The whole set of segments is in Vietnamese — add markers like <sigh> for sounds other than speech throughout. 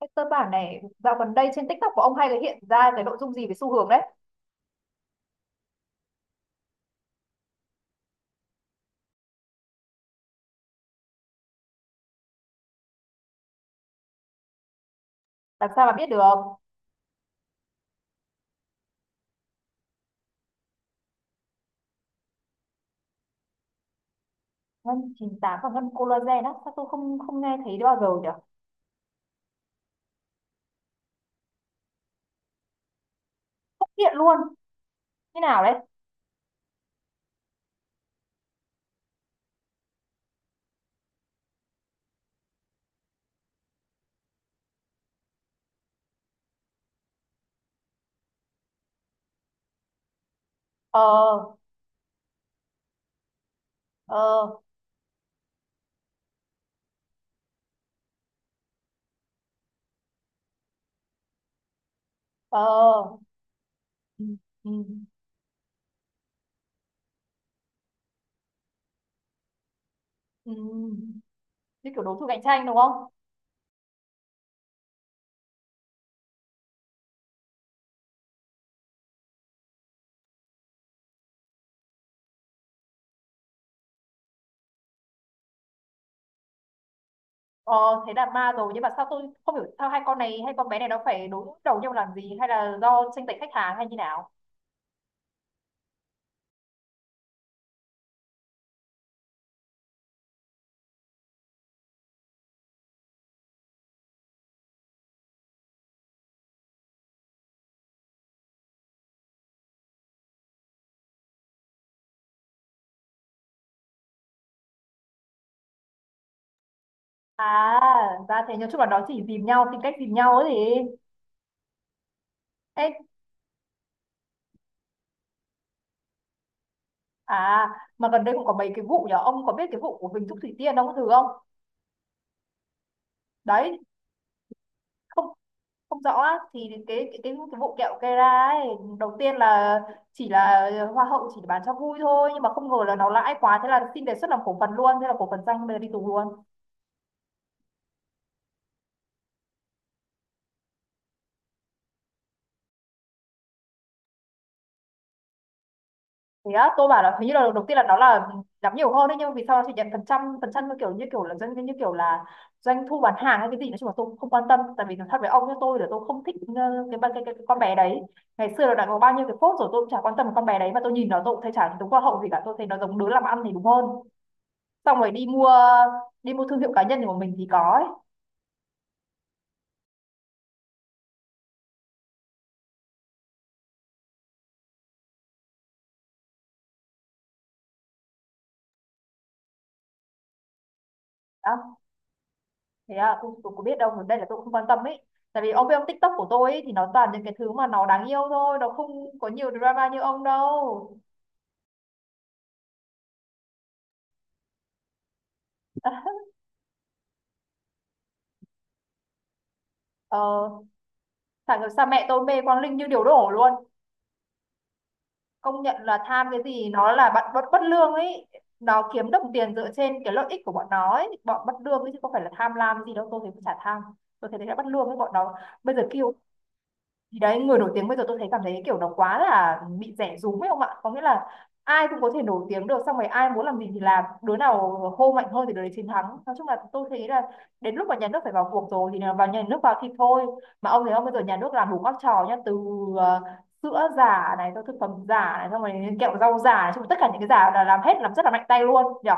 Cái cơ bản này dạo gần đây trên TikTok của ông hay là hiện ra cái nội dung gì về xu hướng đấy? Làm sao mà biết được. Ngân 98 và ngân Collagen á? Sao tôi không không nghe thấy bao giờ nhỉ? Không hiện luôn. Như nào đấy? Ờ. Ờ. Ờ. Ừ, ừ, ừ. Như kiểu đối thủ cạnh tranh đúng không? Ờ, thế là ma rồi, nhưng mà sao tôi không hiểu sao hai con này hay con bé này nó phải đối đầu nhau làm gì, hay là do tranh giành khách hàng hay như nào? À ra thế, nói chung là nó chỉ dìm nhau, tìm cách dìm nhau ấy gì. Ê. À, mà gần đây cũng có mấy cái vụ nhở, ông có biết cái vụ của Huỳnh Thúc Thủy Tiên ông có thử không? Đấy, không không rõ á, thì cái vụ kẹo cây ra ấy, đầu tiên là chỉ là hoa hậu chỉ bán cho vui thôi, nhưng mà không ngờ là nó lãi quá, thế là xin đề xuất làm cổ phần luôn, thế là cổ phần danh bây giờ đi tù luôn. Thế á? Tôi bảo là hình như là đầu tiên là nó là làm nhiều hơn đấy, nhưng mà vì sao nó chỉ nhận phần trăm như kiểu là doanh thu bán hàng hay cái gì, nói chung là tôi cũng không quan tâm, tại vì nói thật với ông, như tôi là tôi không thích cái, ba- cái con bé đấy ngày xưa nó đã có bao nhiêu cái phốt rồi, tôi cũng chả quan tâm con bé đấy, mà tôi nhìn nó tôi cũng thấy chả đúng hoa hậu gì cả, tôi thấy nó giống đứa làm ăn thì đúng hơn, xong rồi đi mua thương hiệu cá nhân của mình thì có ấy. Đó. Thế à? Tôi có biết đâu, đây là tôi cũng không quan tâm ấy, tại vì ông biết ông, TikTok của tôi ấy thì nó toàn những cái thứ mà nó đáng yêu thôi, nó không có nhiều drama như ông đâu. Ờ, phải làm, mẹ tôi mê Quang Linh như điếu đổ luôn. Công nhận là tham cái gì, nó là bạn bất bất lương ấy. Nó kiếm đồng tiền dựa trên cái lợi ích của bọn nó ấy, bọn bất lương ấy, chứ không phải là tham lam gì đâu, tôi thấy chả tham. Tôi thấy đấy là bất lương với bọn nó. Bây giờ kêu thì đấy, người nổi tiếng bây giờ tôi thấy cảm thấy cái kiểu nó quá là bị rẻ rúm ấy không ạ, có nghĩa là ai cũng có thể nổi tiếng được, xong rồi ai muốn làm gì thì làm, đứa nào hô mạnh hơn thì đứa đấy chiến thắng. Nói chung là tôi thấy là đến lúc mà nhà nước phải vào cuộc rồi, thì là vào, nhà nước vào thì thôi. Mà ông thấy không, bây giờ nhà nước làm đủ các trò nhá, từ ờ, sữa giả này, xong thực phẩm giả này, xong rồi kẹo rau giả này, xong rồi tất cả những cái giả là làm hết, làm rất là mạnh tay luôn nhỉ.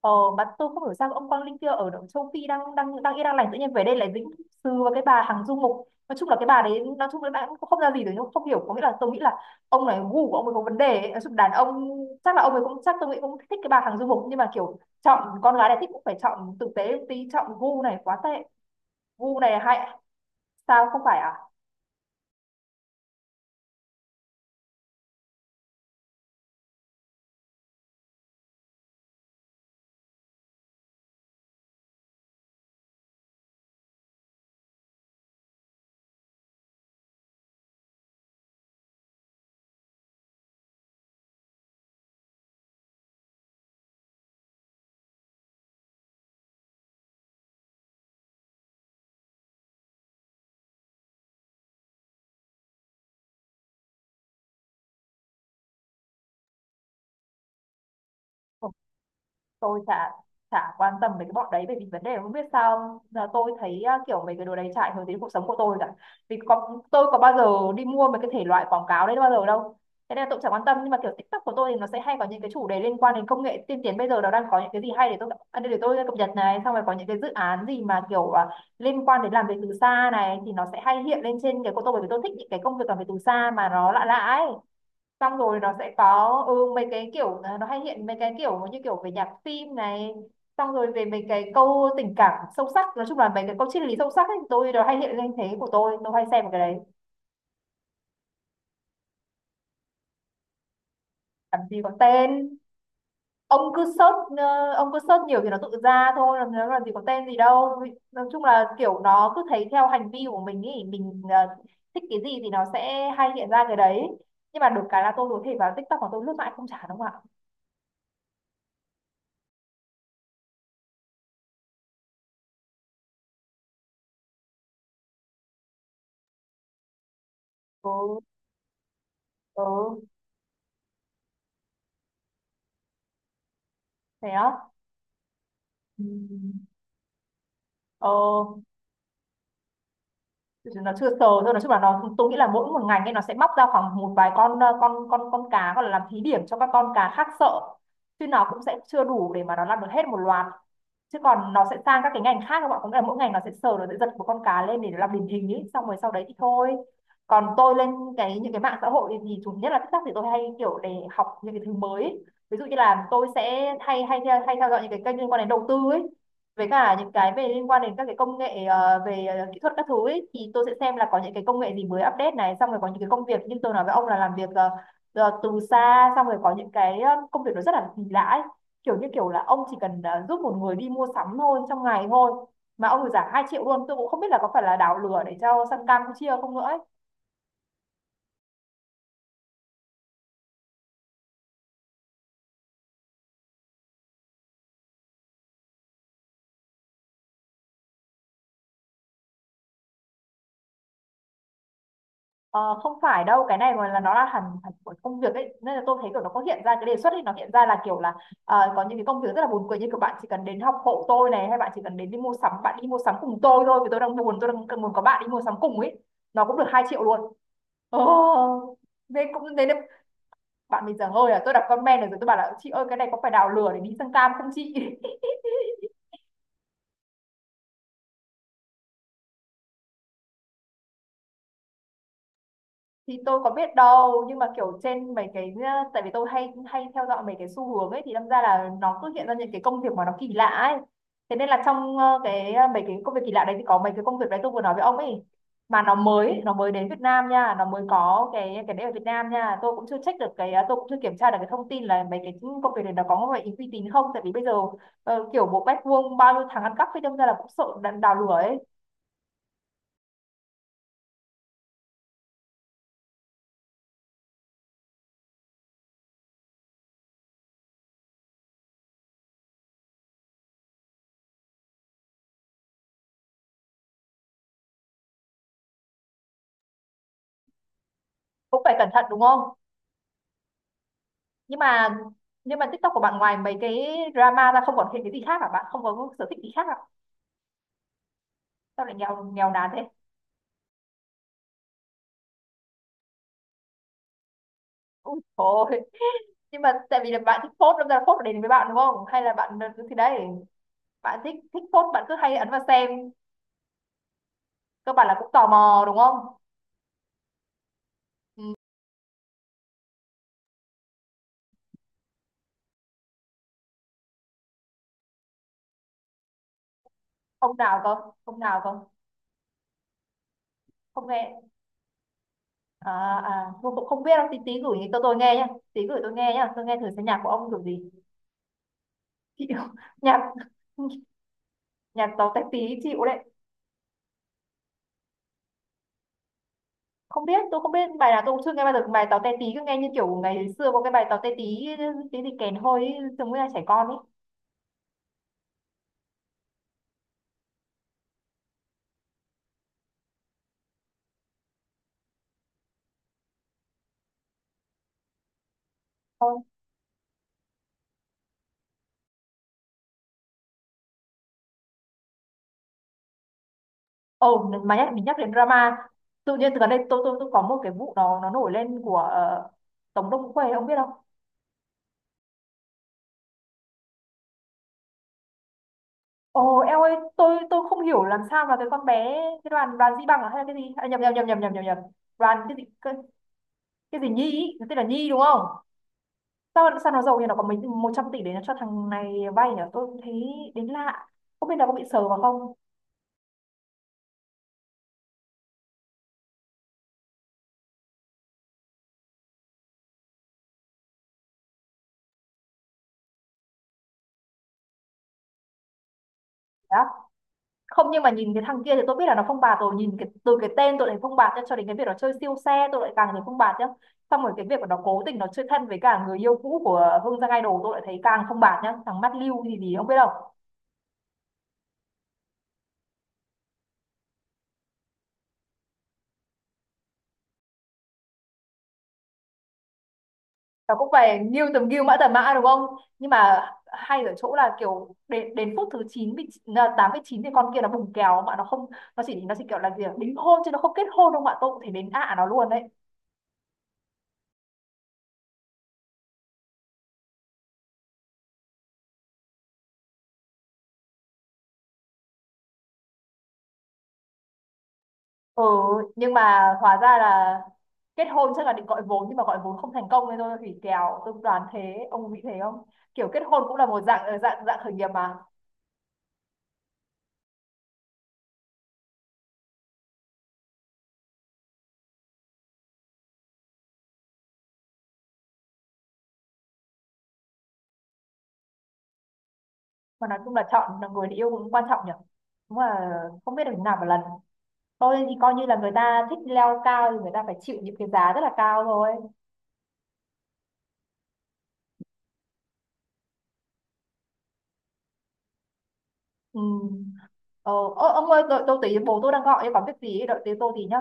Ờ, mà tôi không hiểu sao ông Quang Linh kia ở động châu Phi đang đang đang yên đang lành tự nhiên về đây lại dính sừ vào cái bà Hằng Du Mục. Nói chung là cái bà đấy nói chung là bạn cũng không ra gì rồi, nhưng không hiểu, có nghĩa là tôi nghĩ là ông này gu của ông ấy có vấn đề ấy. Nói chung đàn ông chắc là ông ấy cũng, chắc tôi nghĩ cũng thích cái bà Hằng Du Mục, nhưng mà kiểu chọn con gái này, thích cũng phải chọn tử tế một tí, chọn gu này quá tệ. Gu này hay sao, không phải à? Tôi chả chả quan tâm về cái bọn đấy, bởi vì vấn đề là không biết sao là tôi thấy kiểu mấy cái đồ đấy chả ảnh hưởng đến cuộc sống của tôi cả, vì có, tôi có bao giờ đi mua mấy cái thể loại quảng cáo đấy bao giờ đâu, thế nên là tôi cũng chả quan tâm. Nhưng mà kiểu TikTok của tôi thì nó sẽ hay có những cái chủ đề liên quan đến công nghệ tiên tiến, bây giờ nó đang có những cái gì hay để tôi cập nhật này, xong rồi có những cái dự án gì mà liên quan đến làm việc từ xa này thì nó sẽ hay hiện lên trên cái của tôi, bởi vì tôi thích những cái công việc làm việc từ xa mà nó lạ lạ ấy, xong rồi nó sẽ có mấy cái nó hay hiện mấy cái kiểu như kiểu về nhạc phim này, xong rồi về mấy cái câu tình cảm sâu sắc, nói chung là mấy cái câu triết lý sâu sắc ấy tôi nó hay hiện lên, thế của tôi hay xem vào cái đấy. Làm gì có tên. Ông cứ search ông cứ search nhiều thì nó tự ra thôi, làm gì có tên gì đâu. Nói chung là kiểu nó cứ thấy theo hành vi của mình, ý mình thích cái gì thì nó sẽ hay hiện ra cái đấy. Nhưng mà được cái là tôi có thể vào TikTok mà tôi lướt mãi không chán đúng không ạ. Ừ. Ừ. Thế đó. Ừ. Ờ. Nó chưa sờ thôi, nói chung là nó, tôi nghĩ là mỗi một ngành ấy nó sẽ móc ra khoảng một vài con con cá, gọi là làm thí điểm cho các con cá khác sợ, chứ nó cũng sẽ chưa đủ để mà nó làm được hết một loạt, chứ còn nó sẽ sang các cái ngành khác các bạn, cũng là mỗi ngành nó sẽ sờ, nó sẽ giật một con cá lên để nó làm điển hình ấy, xong rồi sau đấy thì thôi. Còn tôi lên cái những cái mạng xã hội thì chủ nhất là TikTok, thì tôi hay kiểu để học những cái thứ mới ấy. Ví dụ như là tôi sẽ hay hay hay theo dõi những cái kênh liên quan đến đầu tư ấy, với cả những cái về liên quan đến các cái công nghệ về kỹ thuật các thứ ấy, thì tôi sẽ xem là có những cái công nghệ gì mới update này, xong rồi có những cái công việc như tôi nói với ông là làm việc từ xa, xong rồi có những cái công việc nó rất là kỳ lạ ấy. Kiểu như kiểu là ông chỉ cần giúp một người đi mua sắm thôi trong ngày thôi, mà ông được giảm 2 triệu luôn, tôi cũng không biết là có phải là đảo lừa để cho sang Campuchia không nữa ấy. Ờ, không phải đâu, cái này mà là nó là hẳn hẳn của công việc ấy, nên là tôi thấy kiểu nó có hiện ra cái đề xuất ấy, nó hiện ra là kiểu là có những cái công việc rất là buồn cười, như kiểu bạn chỉ cần đến học hộ tôi này, hay bạn chỉ cần đến đi mua sắm, bạn đi mua sắm cùng tôi thôi vì tôi đang buồn, tôi đang cần muốn có bạn đi mua sắm cùng ấy, nó cũng được 2 triệu luôn. Ồ, thế cũng thế đấy. Bạn mình giảng hơi, là tôi đọc comment rồi, rồi tôi bảo là chị ơi cái này có phải đào lừa để đi sang cam không chị. <laughs> Thì tôi có biết đâu, nhưng mà kiểu trên mấy cái tại vì tôi hay hay theo dõi mấy cái xu hướng ấy, thì đâm ra là nó cứ hiện ra những cái công việc mà nó kỳ lạ ấy, thế nên là trong cái mấy cái công việc kỳ lạ đấy thì có mấy cái công việc đấy tôi vừa nói với ông ấy, mà nó mới đến Việt Nam nha, nó mới có cái đấy ở Việt Nam nha. Tôi cũng chưa check được cái tôi cũng chưa kiểm tra được cái thông tin là mấy cái công việc này nó có phải uy tín không, tại vì bây giờ kiểu một mét vuông bao nhiêu thằng ăn cắp thì đâm ra là cũng sợ đào lửa ấy, cũng phải cẩn thận đúng không. Nhưng mà nhưng mà TikTok của bạn ngoài mấy cái drama ra không còn thêm cái gì khác à, bạn không có sở thích gì khác à, sao lại nghèo nghèo nàn thế? Ui, thôi. Nhưng mà tại vì là bạn thích post, đâm ra là post để đến với bạn đúng không, hay là bạn thì đấy, bạn thích thích post, bạn cứ hay ấn vào xem cơ bản là cũng tò mò đúng không? Ông nào cơ? Không nào cơ? Không nghe. À. À, tôi cũng không biết đâu, tí tí gửi cho tôi nghe nhá. Tí gửi tôi nghe nhá, tôi nghe thử xem nhạc của ông kiểu gì. Chịu. <laughs> Nhạc, nhạc tàu tách tí chịu đấy. Không biết, tôi không biết bài nào, tôi cũng chưa nghe bao giờ bài táo te tí, cứ nghe như kiểu ngày xưa có cái bài táo te tí tí gì kèn hôi ấy, giống như là trẻ con ấy. Thôi. Ồ, mà nhắc, mình nhắc đến drama, tự nhiên từ gần đây tôi có một cái vụ nó nổi lên của Tống Đông Khuê, ông biết không? Ồ eo ơi, tôi không hiểu làm sao mà cái con bé, cái đoàn đoàn Di Bằng à, hay là cái gì à, nhầm nhầm nhầm nhầm nhầm nhầm nhầm, đoàn cái gì, cái gì Nhi ý, nó tên là Nhi đúng không? Sao sao nó giàu, như nó có mấy 100 tỷ để nó cho thằng này vay nhỉ, tôi thấy đến lạ. Không biết nó có bị sờ vào không. Đó. Không, nhưng mà nhìn cái thằng kia thì tôi biết là nó phong bạt rồi, nhìn cái, từ cái tên tôi lại phong bạt nhá, cho đến cái việc nó chơi siêu xe tôi lại càng thấy phong bạt nhá, xong rồi cái việc mà nó cố tình nó chơi thân với cả người yêu cũ của Hương Giang Idol tôi lại thấy càng phong bạt nhá, thằng mắt lưu thì gì không biết đâu. Nó cũng phải nghiêu tầm nghiêu, mã tầm mã đúng không. Nhưng mà hay ở chỗ là kiểu đến đến phút thứ chín, bị là tám với chín, thì con kia nó bùng kèo mà nó không, nó chỉ kiểu là gì ạ, đính hôn chứ nó không kết hôn đâu, mà tôi cũng thể đến ạ nó luôn đấy. Ừ, nhưng mà hóa ra là kết hôn chắc là định gọi vốn, nhưng mà gọi vốn không thành công nên thôi hủy kèo, tôi đoán thế, ông nghĩ thế không. Kiểu kết hôn cũng là một dạng ờ, dạng dạng khởi nghiệp mà. Mà nói chung là chọn là người để yêu cũng quan trọng nhỉ, đúng là không biết được thế nào một lần, tôi thì coi như là người ta thích leo cao thì người ta phải chịu những cái giá rất là cao thôi. Ừ. ờ, Ô, ông ơi, tôi tí, bố tôi đang gọi em có việc gì ấy, đợi tí, tôi tí nhá.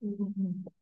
Ừ. Ừ, ừ.